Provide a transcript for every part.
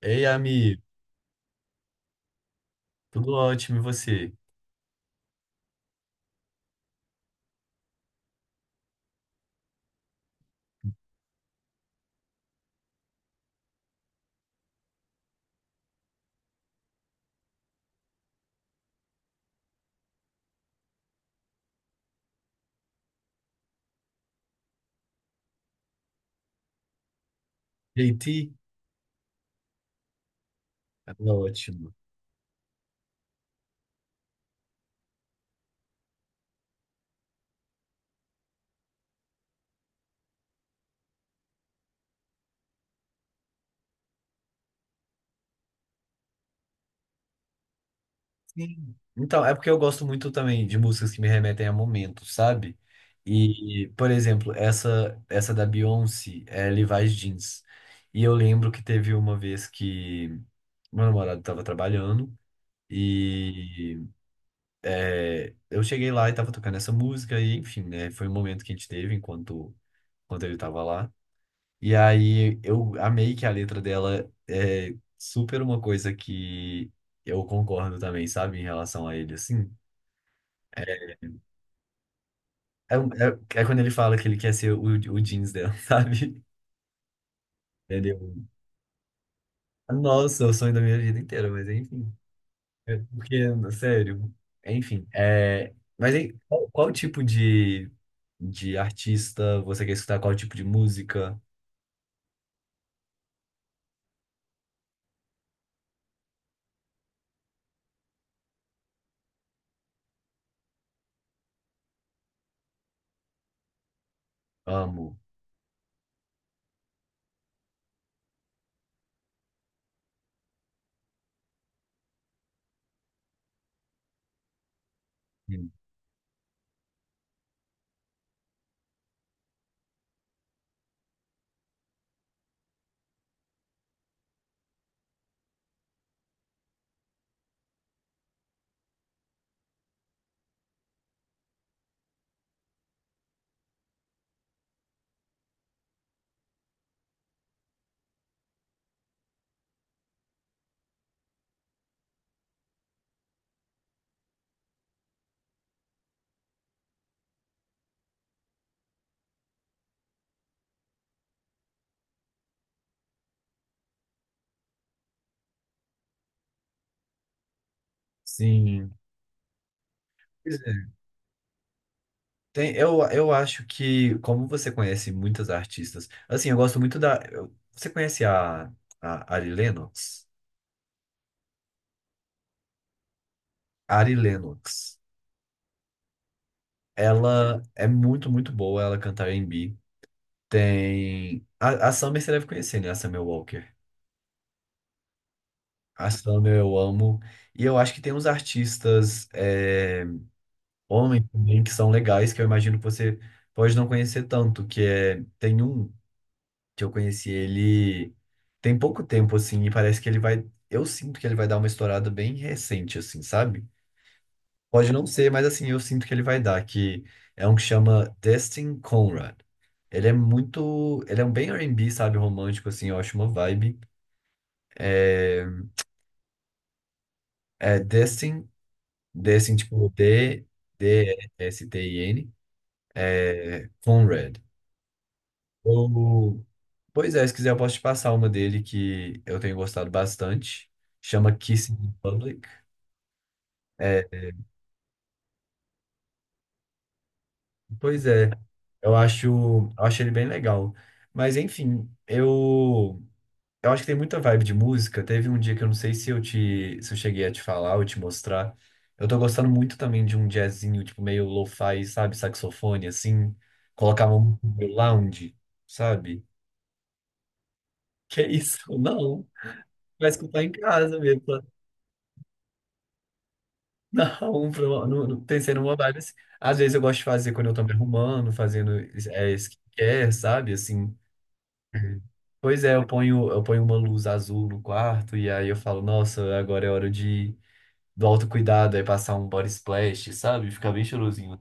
Ei, amigo, tudo ótimo, e você? JT? Ah, ótimo. Sim. Então, é porque eu gosto muito também de músicas que me remetem a momentos, sabe? E, por exemplo, essa da Beyoncé é Levi's Jeans. E eu lembro que teve uma vez que meu namorado estava trabalhando e eu cheguei lá e estava tocando essa música e, enfim, né? Foi um momento que a gente teve enquanto ele estava lá. E aí eu amei que a letra dela é super uma coisa que eu concordo também, sabe? Em relação a ele, assim. É, é quando ele fala que ele quer ser o jeans dela, sabe? Entendeu? Nossa, é o sonho da minha vida inteira, mas enfim. É. Porque, sério, enfim. É, mas hein, qual tipo de artista você quer escutar? Qual tipo de música? Amo. Sim. Pois é. Tem, eu acho que, como você conhece muitas artistas, assim, eu gosto muito da. Você conhece a Ari Lennox? Ari Lennox. Ela é muito, muito boa, ela canta R e B. Tem. A Summer você deve conhecer, né? A Summer Walker. A Summer eu amo. E eu acho que tem uns artistas homens também que são legais, que eu imagino que você pode não conhecer tanto, que é. Tem um. Que eu conheci ele tem pouco tempo, assim, e parece que ele vai. Eu sinto que ele vai dar uma estourada bem recente, assim, sabe? Pode não ser, mas assim, eu sinto que ele vai dar, que é um que chama Destin Conrad. Ele é muito. Ele é um bem R&B, sabe? Romântico, assim, eu acho uma vibe. É, é Destin, tipo, D, D, S, T, I, N. É, Conrad. Eu- Pois é, se quiser eu posso te passar uma dele que eu tenho gostado bastante. Chama Kissing in Public. É, pois é, eu acho, eu acho ele bem legal. Mas enfim, eu acho que tem muita vibe de música. Teve um dia que eu não sei se eu cheguei a te falar ou te mostrar. Eu tô gostando muito também de um jazzinho, tipo, meio lo-fi, sabe? Saxofone, assim. Colocar um lounge, sabe? Que isso? Não, vai escutar em casa mesmo. Não, no, no, tem sendo vibe assim. Às vezes eu gosto de fazer quando eu tô me arrumando, fazendo skincare, sabe? Assim. Uhum. Pois é, eu ponho uma luz azul no quarto e aí eu falo, nossa, agora é hora de do autocuidado, aí passar um body splash, sabe? Fica bem cheirosinho.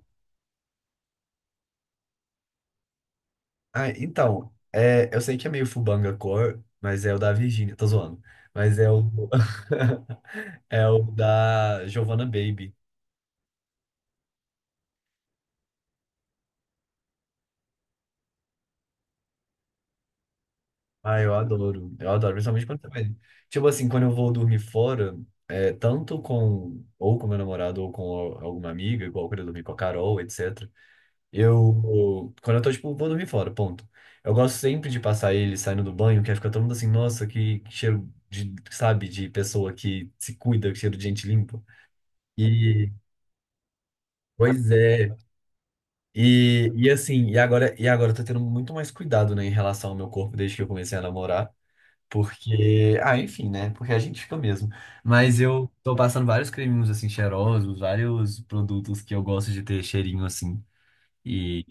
Ah, então, é, eu sei que é meio Fubanga Core, mas é o da Virgínia, tô zoando. Mas é o é o da Giovanna Baby. Ah, eu adoro. Eu adoro, principalmente quando você vai. Tipo assim, quando eu vou dormir fora, é, tanto com ou com meu namorado ou com alguma amiga, igual quando eu dormi com a Carol, etc. Eu, quando eu tô, tipo, vou dormir fora, ponto. Eu gosto sempre de passar ele saindo do banho, que aí fica todo mundo assim, nossa, que cheiro de, sabe, de pessoa que se cuida, que cheiro de gente limpa. E, pois é. E, e agora eu tô tendo muito mais cuidado, né, em relação ao meu corpo desde que eu comecei a namorar. Porque, ah, enfim, né? Porque a gente fica mesmo. Mas eu tô passando vários creminhos assim cheirosos, vários produtos que eu gosto de ter cheirinho assim. E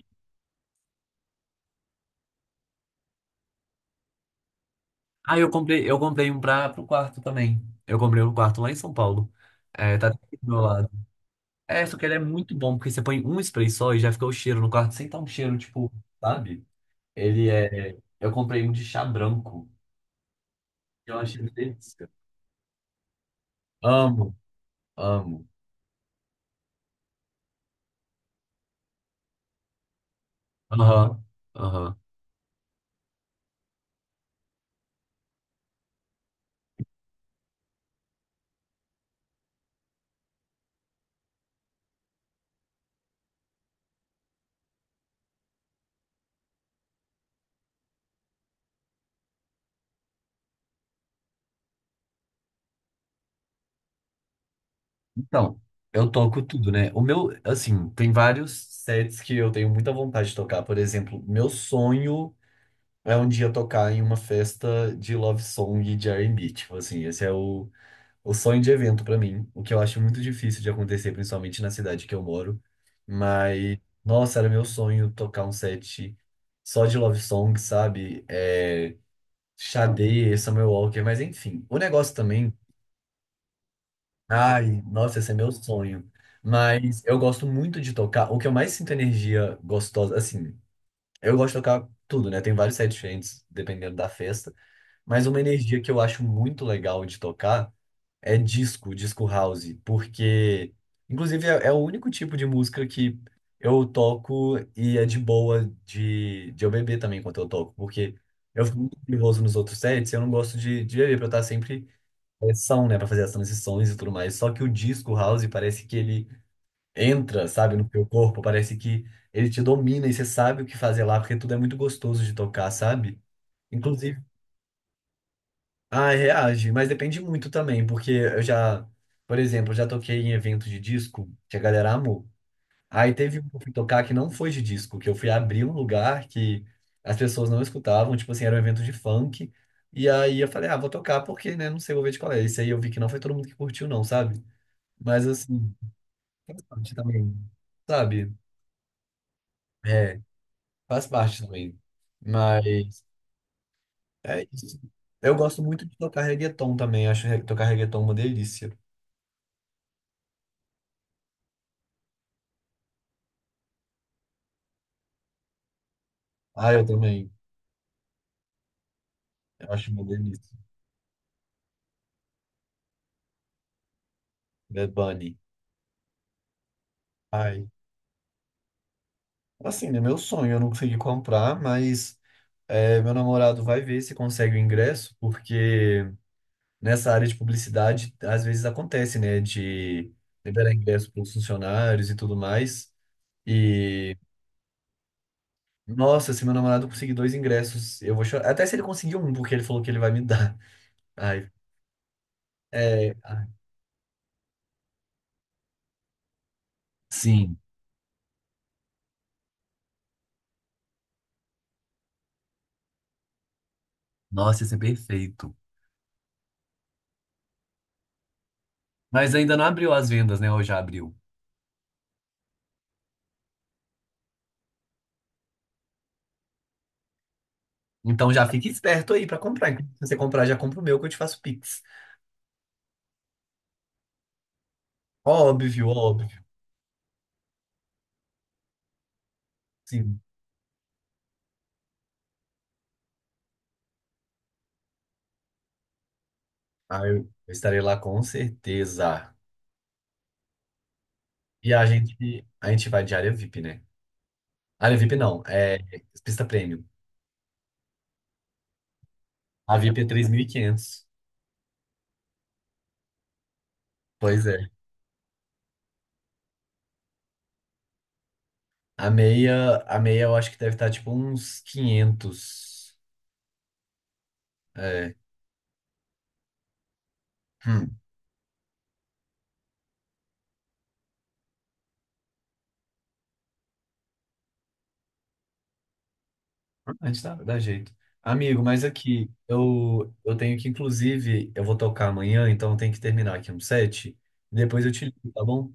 ah, eu comprei um para pro quarto também. Eu comprei um quarto lá em São Paulo. É, tá aqui do meu lado. É, só que ele é muito bom porque você põe um spray só e já fica o cheiro no quarto sem tá um cheiro tipo, sabe? Ele é, eu comprei um de chá branco. Que eu achei delícia. Amo, amo. Aham. Aham. Então, eu toco tudo, né? O meu, assim, tem vários sets que eu tenho muita vontade de tocar. Por exemplo, meu sonho é um dia tocar em uma festa de love song de R&B. Tipo assim, esse é o sonho de evento pra mim. O que eu acho muito difícil de acontecer, principalmente na cidade que eu moro. Mas, nossa, era meu sonho tocar um set só de love song, sabe? É, Sade, Summer Walker, mas enfim. O negócio também. Ai, nossa, esse é meu sonho. Mas eu gosto muito de tocar. O que eu mais sinto energia gostosa, assim, eu gosto de tocar tudo, né? Tem vários sete diferentes dependendo da festa. Mas uma energia que eu acho muito legal de tocar é disco, disco house. Porque, inclusive, é o único tipo de música que eu toco e é de boa de eu beber também enquanto eu toco. Porque eu fico muito nervoso nos outros sets, e eu não gosto de beber pra eu estar sempre pressão, né, para fazer as transições e tudo mais. Só que o disco house parece que ele entra, sabe, no teu corpo, parece que ele te domina e você sabe o que fazer lá, porque tudo é muito gostoso de tocar, sabe? Inclusive, ah, reage, mas depende muito também, porque eu já, por exemplo, eu já toquei em evento de disco que a galera amou. Aí teve um que eu fui tocar que não foi de disco, que eu fui abrir um lugar que as pessoas não escutavam, tipo assim, era um evento de funk. E aí eu falei, ah, vou tocar porque, né, não sei, vou ver de qual é. Isso aí eu vi que não foi todo mundo que curtiu, não, sabe? Mas assim, faz parte também, sabe? É, faz parte também. Mas é isso. Eu gosto muito de tocar reggaeton também. Acho tocar reggaeton uma delícia. Ah, eu também. Eu acho uma delícia. Bad Bunny. Ai. Assim, é meu sonho. Eu não consegui comprar, mas é, meu namorado vai ver se consegue o ingresso, porque nessa área de publicidade, às vezes acontece, né? De liberar ingresso para os funcionários e tudo mais. E. Nossa, se meu namorado conseguir dois ingressos, eu vou chorar. Até se ele conseguir um, porque ele falou que ele vai me dar. Ai, é, ai. Sim, nossa, ia ser perfeito. Mas ainda não abriu as vendas, né? Ou já abriu? Então já fique esperto aí pra comprar. Se você comprar, já compra o meu que eu te faço Pix. Óbvio, óbvio. Sim. Ah, eu estarei lá com certeza. E a gente vai de área VIP, né? Área VIP não, é pista premium. A VIP é 3.500. Pois é. A meia eu acho que deve estar tipo uns 500. É. Hum. A gente dá, dá jeito. Amigo, mas aqui, eu tenho que, inclusive, eu vou tocar amanhã, então eu tenho que terminar aqui um set. Depois eu te ligo, tá bom?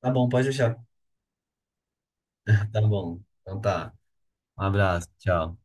Tá bom, pode deixar. Tá bom. Então tá. Um abraço, tchau.